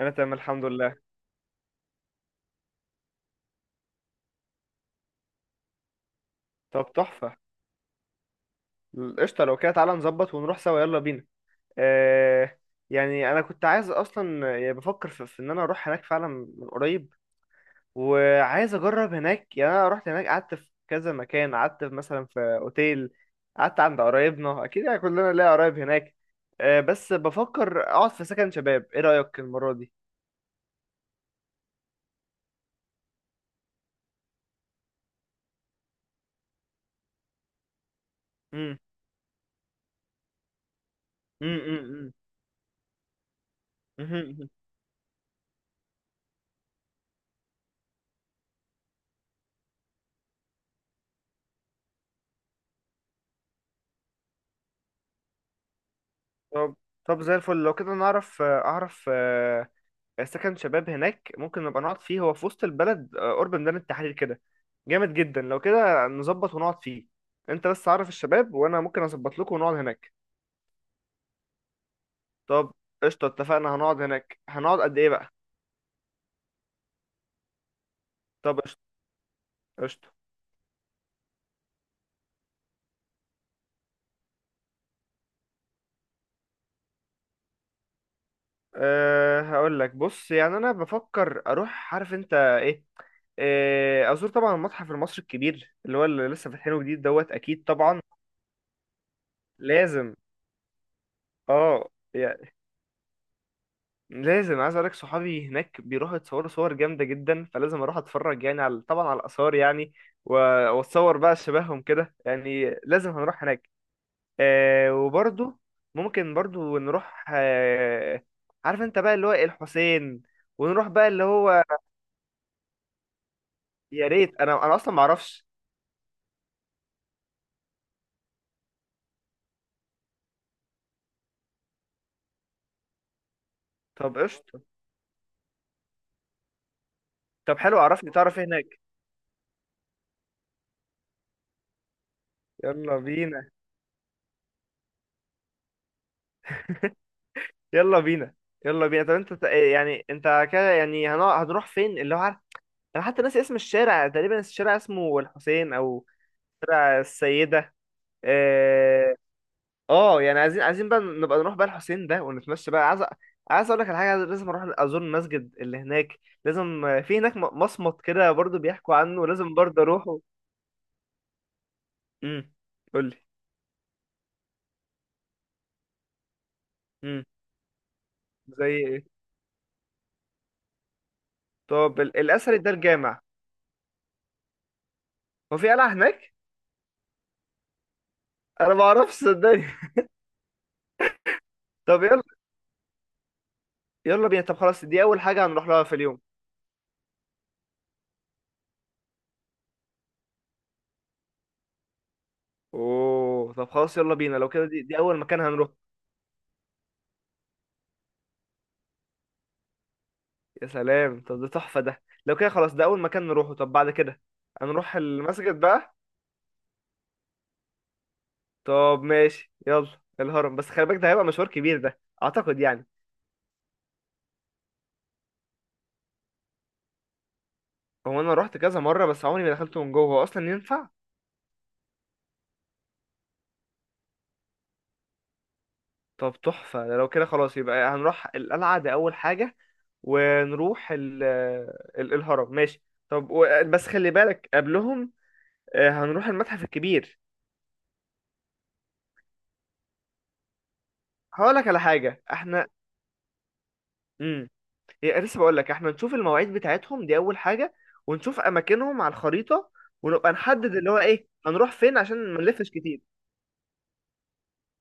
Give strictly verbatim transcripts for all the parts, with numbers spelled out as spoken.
انا تمام الحمد لله. طب تحفه. قشطه، لو كده تعالى نظبط ونروح سوا، يلا بينا. آه، يعني انا كنت عايز اصلا، يعني بفكر في, في ان انا اروح هناك فعلا، من قريب. وعايز اجرب هناك، يعني انا رحت هناك قعدت في كذا مكان، قعدت في مثلا في اوتيل، قعدت عند قرايبنا، اكيد يعني كلنا ليا قرايب هناك. آه بس بفكر اقعد في سكن شباب، ايه رايك المره دي؟ امم. امم. امم. طب طب زي الفل، لو كده نعرف اعرف سكن شباب هناك ممكن نبقى نقعد فيه، هو في وسط البلد، آه، قرب ميدان التحرير كده. جامد جدا، لو كده نظبط ونقعد فيه. انت بس عرف الشباب وانا ممكن اظبط لكم ونقعد هناك. طب قشطه، اتفقنا هنقعد هناك، هنقعد قد ايه بقى؟ طب قشطه قشطه. أه هقول لك، بص يعني انا بفكر اروح، عارف انت ايه، أه ازور طبعا المتحف المصري الكبير اللي هو اللي لسه فاتحينه جديد دوت، اكيد طبعا. لازم اه لازم عايز اقولك صحابي هناك بيروحوا يتصوروا صور جامده جدا، فلازم اروح اتفرج يعني، على طبعا على الاثار يعني، و- واتصور بقى شبههم كده، يعني لازم هنروح هناك. آه وبرضو ممكن برضو نروح، آه عارف انت بقى اللي هو الحسين، ونروح بقى اللي هو... يا ريت، انا انا اصلا ما اعرفش. طب قشطه. طب حلو، عرفني تعرف ايه هناك. يلا بينا، يلا بينا، يلا بينا. طب انت ت- يعني انت كده يعني هنع- هنروح فين اللي هو، عارف، انا حتى ناسي اسم الشارع تقريبا، الشارع اسمه الحسين او شارع السيده. اه. آه، يعني عايزين عايزين بقى نبقى نروح بقى الحسين ده ونتمشى بقى، عايز أ- عايز اقول لك على حاجه، لازم اروح ازور المسجد اللي هناك، لازم آه، في هناك م- مصمت كده برضو بيحكوا عنه، لازم برضو اروحه. امم. قول لي. امم. زي ايه؟ طب ال- الاثري ده الجامع؟ هو في قلعه هناك. انا ما اعرفش، صدقني طب يلا. يلا بينا، طب خلاص دي اول حاجه هنروح لها في اليوم. اوه طب خلاص، يلا بينا لو كده دي, دي اول مكان هنروح. يا سلام، طب ده تحفة، ده لو كده خلاص ده أول مكان نروحه. طب بعد كده هنروح المسجد بقى. طب ماشي يلا. الهرم بس خلي بالك، ده هيبقى مشوار كبير ده، أعتقد يعني. هو أنا روحت كذا مرة بس عمري ما دخلته من جوه، هو أصلا ينفع؟ طب تحفة، ده لو كده خلاص يبقى هنروح القلعة دي أول حاجة ونروح ال... ال- الهرم ماشي. طب و- بس خلي بالك قبلهم، آه، هنروح المتحف الكبير. هقولك على حاجة، احنا مم. هي لسه بقول لك، احنا نشوف المواعيد بتاعتهم دي اول حاجه، ونشوف اماكنهم على الخريطه، ونبقى نحدد اللي هو ايه هنروح فين عشان ما نلفش كتير.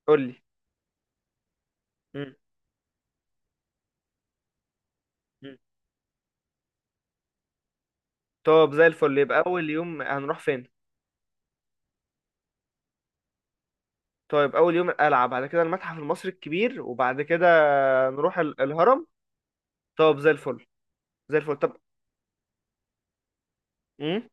قول لي. مم. مم. طب زي الفل، يبقى اول يوم هنروح فين؟ طيب اول يوم القلعه، بعد كده المتحف المصري الكبير، وبعد كده نروح ال- الهرم. طب زي الفل. زي الفل طب. مم.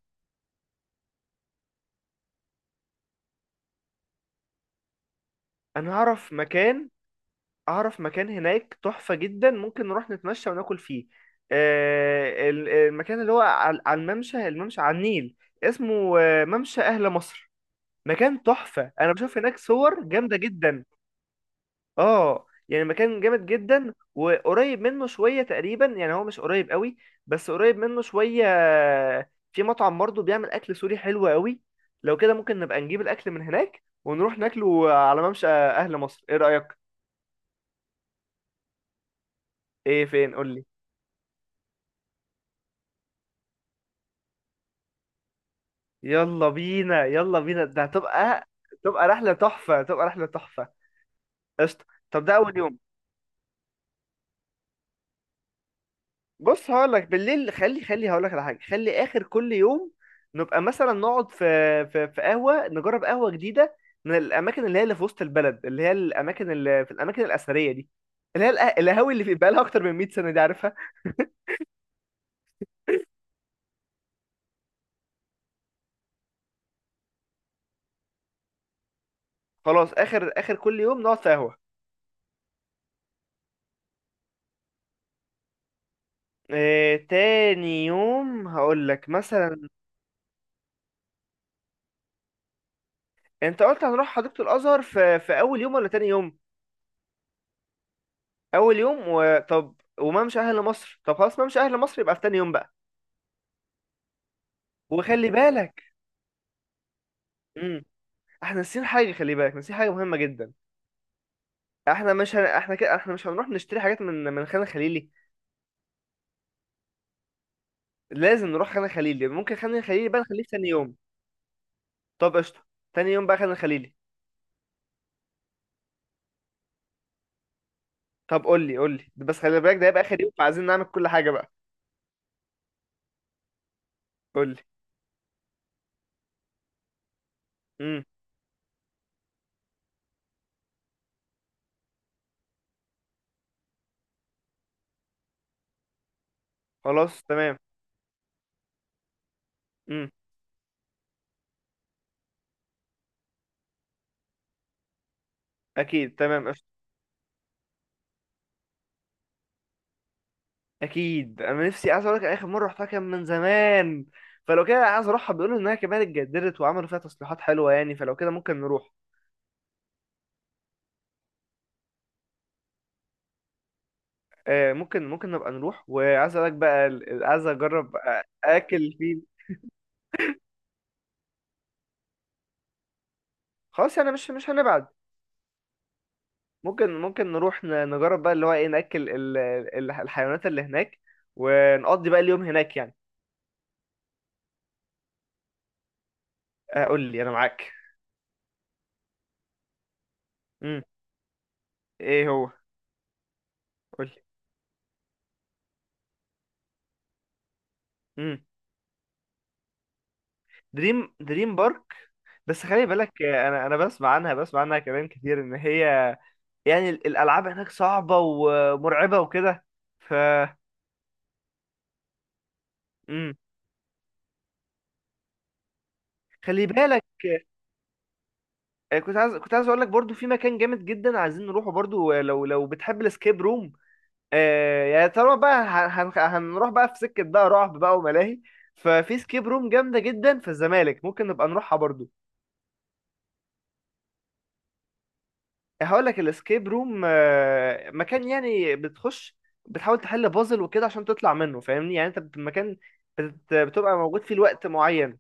انا اعرف مكان، اعرف مكان هناك تحفة جدا، ممكن نروح نتمشى وناكل فيه. آه، ال- المكان اللي هو على على الممشى الممشى على النيل، اسمه آه، ممشى اهل مصر. مكان تحفة، انا بشوف هناك صور جامدة جدا. اه يعني مكان جامد جدا، وقريب منه شوية تقريبا، يعني هو مش قريب قوي، بس قريب منه شوية. آه، في مطعم برضه بيعمل اكل سوري حلو قوي، لو كده ممكن نبقى نجيب الاكل من هناك ونروح ناكله على ممشى اهل مصر، ايه رأيك؟ ايه فين؟ قول لي. يلا بينا، يلا بينا، ده هتبقى، تبقى رحلة تحفة، تبقى رحلة تحفة. قشطة. طب ده أول يوم. بص هقول لك بالليل، خلي خلي، هقول لك على حاجة، خلي آخر كل يوم نبقى مثلا نقعد في في في قهوة، نجرب قهوة جديدة من الأماكن اللي هي اللي في وسط البلد، اللي هي الأماكن اللي في الأماكن الأثرية دي، اللي هي القه- القهاوي اللي في بقالها أكتر من مائة سنة دي، عارفها؟ خلاص آخر آخر كل يوم نقعد في قهوة. آه، تاني يوم هقول لك مثلا. انت قلت هنروح حديقة الازهر في في اول يوم ولا تاني يوم؟ اول يوم. وطب، وما مش اهل مصر، طب خلاص ما مش اهل مصر يبقى في تاني يوم بقى. وخلي بالك. امم. احنا ناسيين حاجه، خلي بالك ناسيين حاجه مهمه جدا. احنا مش هن... احنا كده احنا مش هنروح نشتري حاجات من من خان الخليلي. لازم نروح خان الخليلي، ممكن خان الخليلي بقى نخليه في تاني يوم. طب قشطه، تاني يوم بقى خان الخليلي. طب قول لي، قول لي بس خلي بالك ده هيبقى اخر يوم، فعايزين نعمل كل حاجه بقى. قول لي. امم. خلاص تمام. امم. اكيد تمام. اكيد انا نفسي، عايز اقول لك اخر مره رحتها كان من زمان، فلو كده عايز اروحها، بيقولوا انها كمان اتجددت وعملوا فيها تصليحات حلوه يعني، فلو كده ممكن نروح. آه ممكن ممكن نبقى نروح، وعايز اقول لك بقى ال- ال- عايز اجرب آ- اكل فين. خلاص يعني مش مش هنبعد. ممكن ممكن نروح ن- نجرب بقى اللي هو ايه، ناكل ال- ال- الحيوانات اللي هناك، ونقضي بقى اليوم هناك يعني. آه، قول لي انا معاك. امم. ايه هو؟ قول لي. دريم دريم بارك؟ بس خلي بالك، آه، انا انا بسمع عنها بسمع عنها كلام كتير ان هي، يعني ال- الالعاب هناك صعبه ومرعبه وكده، ف... امم. خلي بالك، آه، كنت عايز كنت عايز اقول لك برضو في مكان جامد جدا عايزين نروحه برضو، آه، لو لو بتحب الاسكيب روم. آه يعني طالما بقى هن... هن- هنروح بقى في سكه بقى رعب بقى وملاهي، ففي سكيب روم جامده جدا في الزمالك، ممكن نبقى نروحها برضو. هقول لك الاسكيب روم، آه، مكان يعني بتخش بتحاول تحل بازل وكده عشان تطلع منه، فاهمني يعني، انت بت- مكان بت- بتبقى موجود فيه لوقت معين.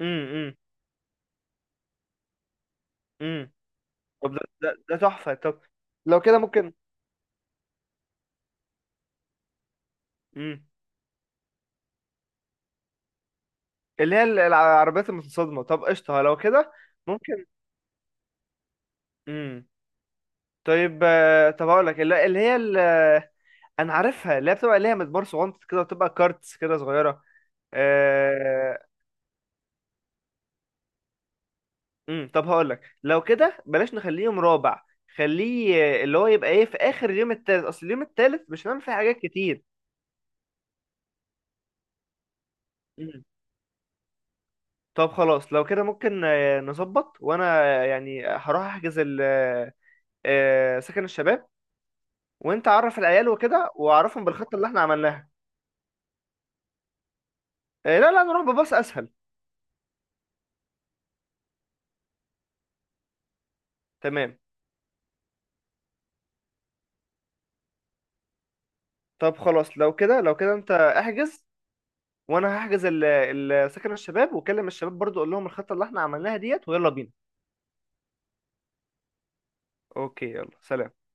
امم. امم. امم. طب ده ده ده تحفة. طب لو كده ممكن. امم. اللي هي ال- العربيات المتصادمة، طب قشطة، لو كده ممكن. امم. طيب، آه، طب هقول لك، اللي اللي هي ال- انا عارفها اللي هي بتبقى ليها مدبر صغنط كده، وتبقى كارتس كده صغيرة. آه، امم. طب هقول لك لو كده بلاش، نخليه يوم رابع، خليه آه، اللي هو يبقى ايه في اخر اليوم التالت، اصل اليوم التالت مش هنعمل فيه حاجات كتير. امم. طب خلاص لو كده ممكن آه، نظبط، وانا آه، يعني هروح احجز ال آه، آه، سكن الشباب، وانت عرف العيال وكده واعرفهم بالخطة اللي احنا عملناها. آه، لا لا، نروح بباص اسهل. تمام. طب خلاص لو كده لو كده انت احجز وانا هحجز ال- ال- سكن الشباب، وكلم الشباب برضو اقول لهم الخطة اللي احنا عملناها ديت، ويلا بينا. اوكي يلا سلام.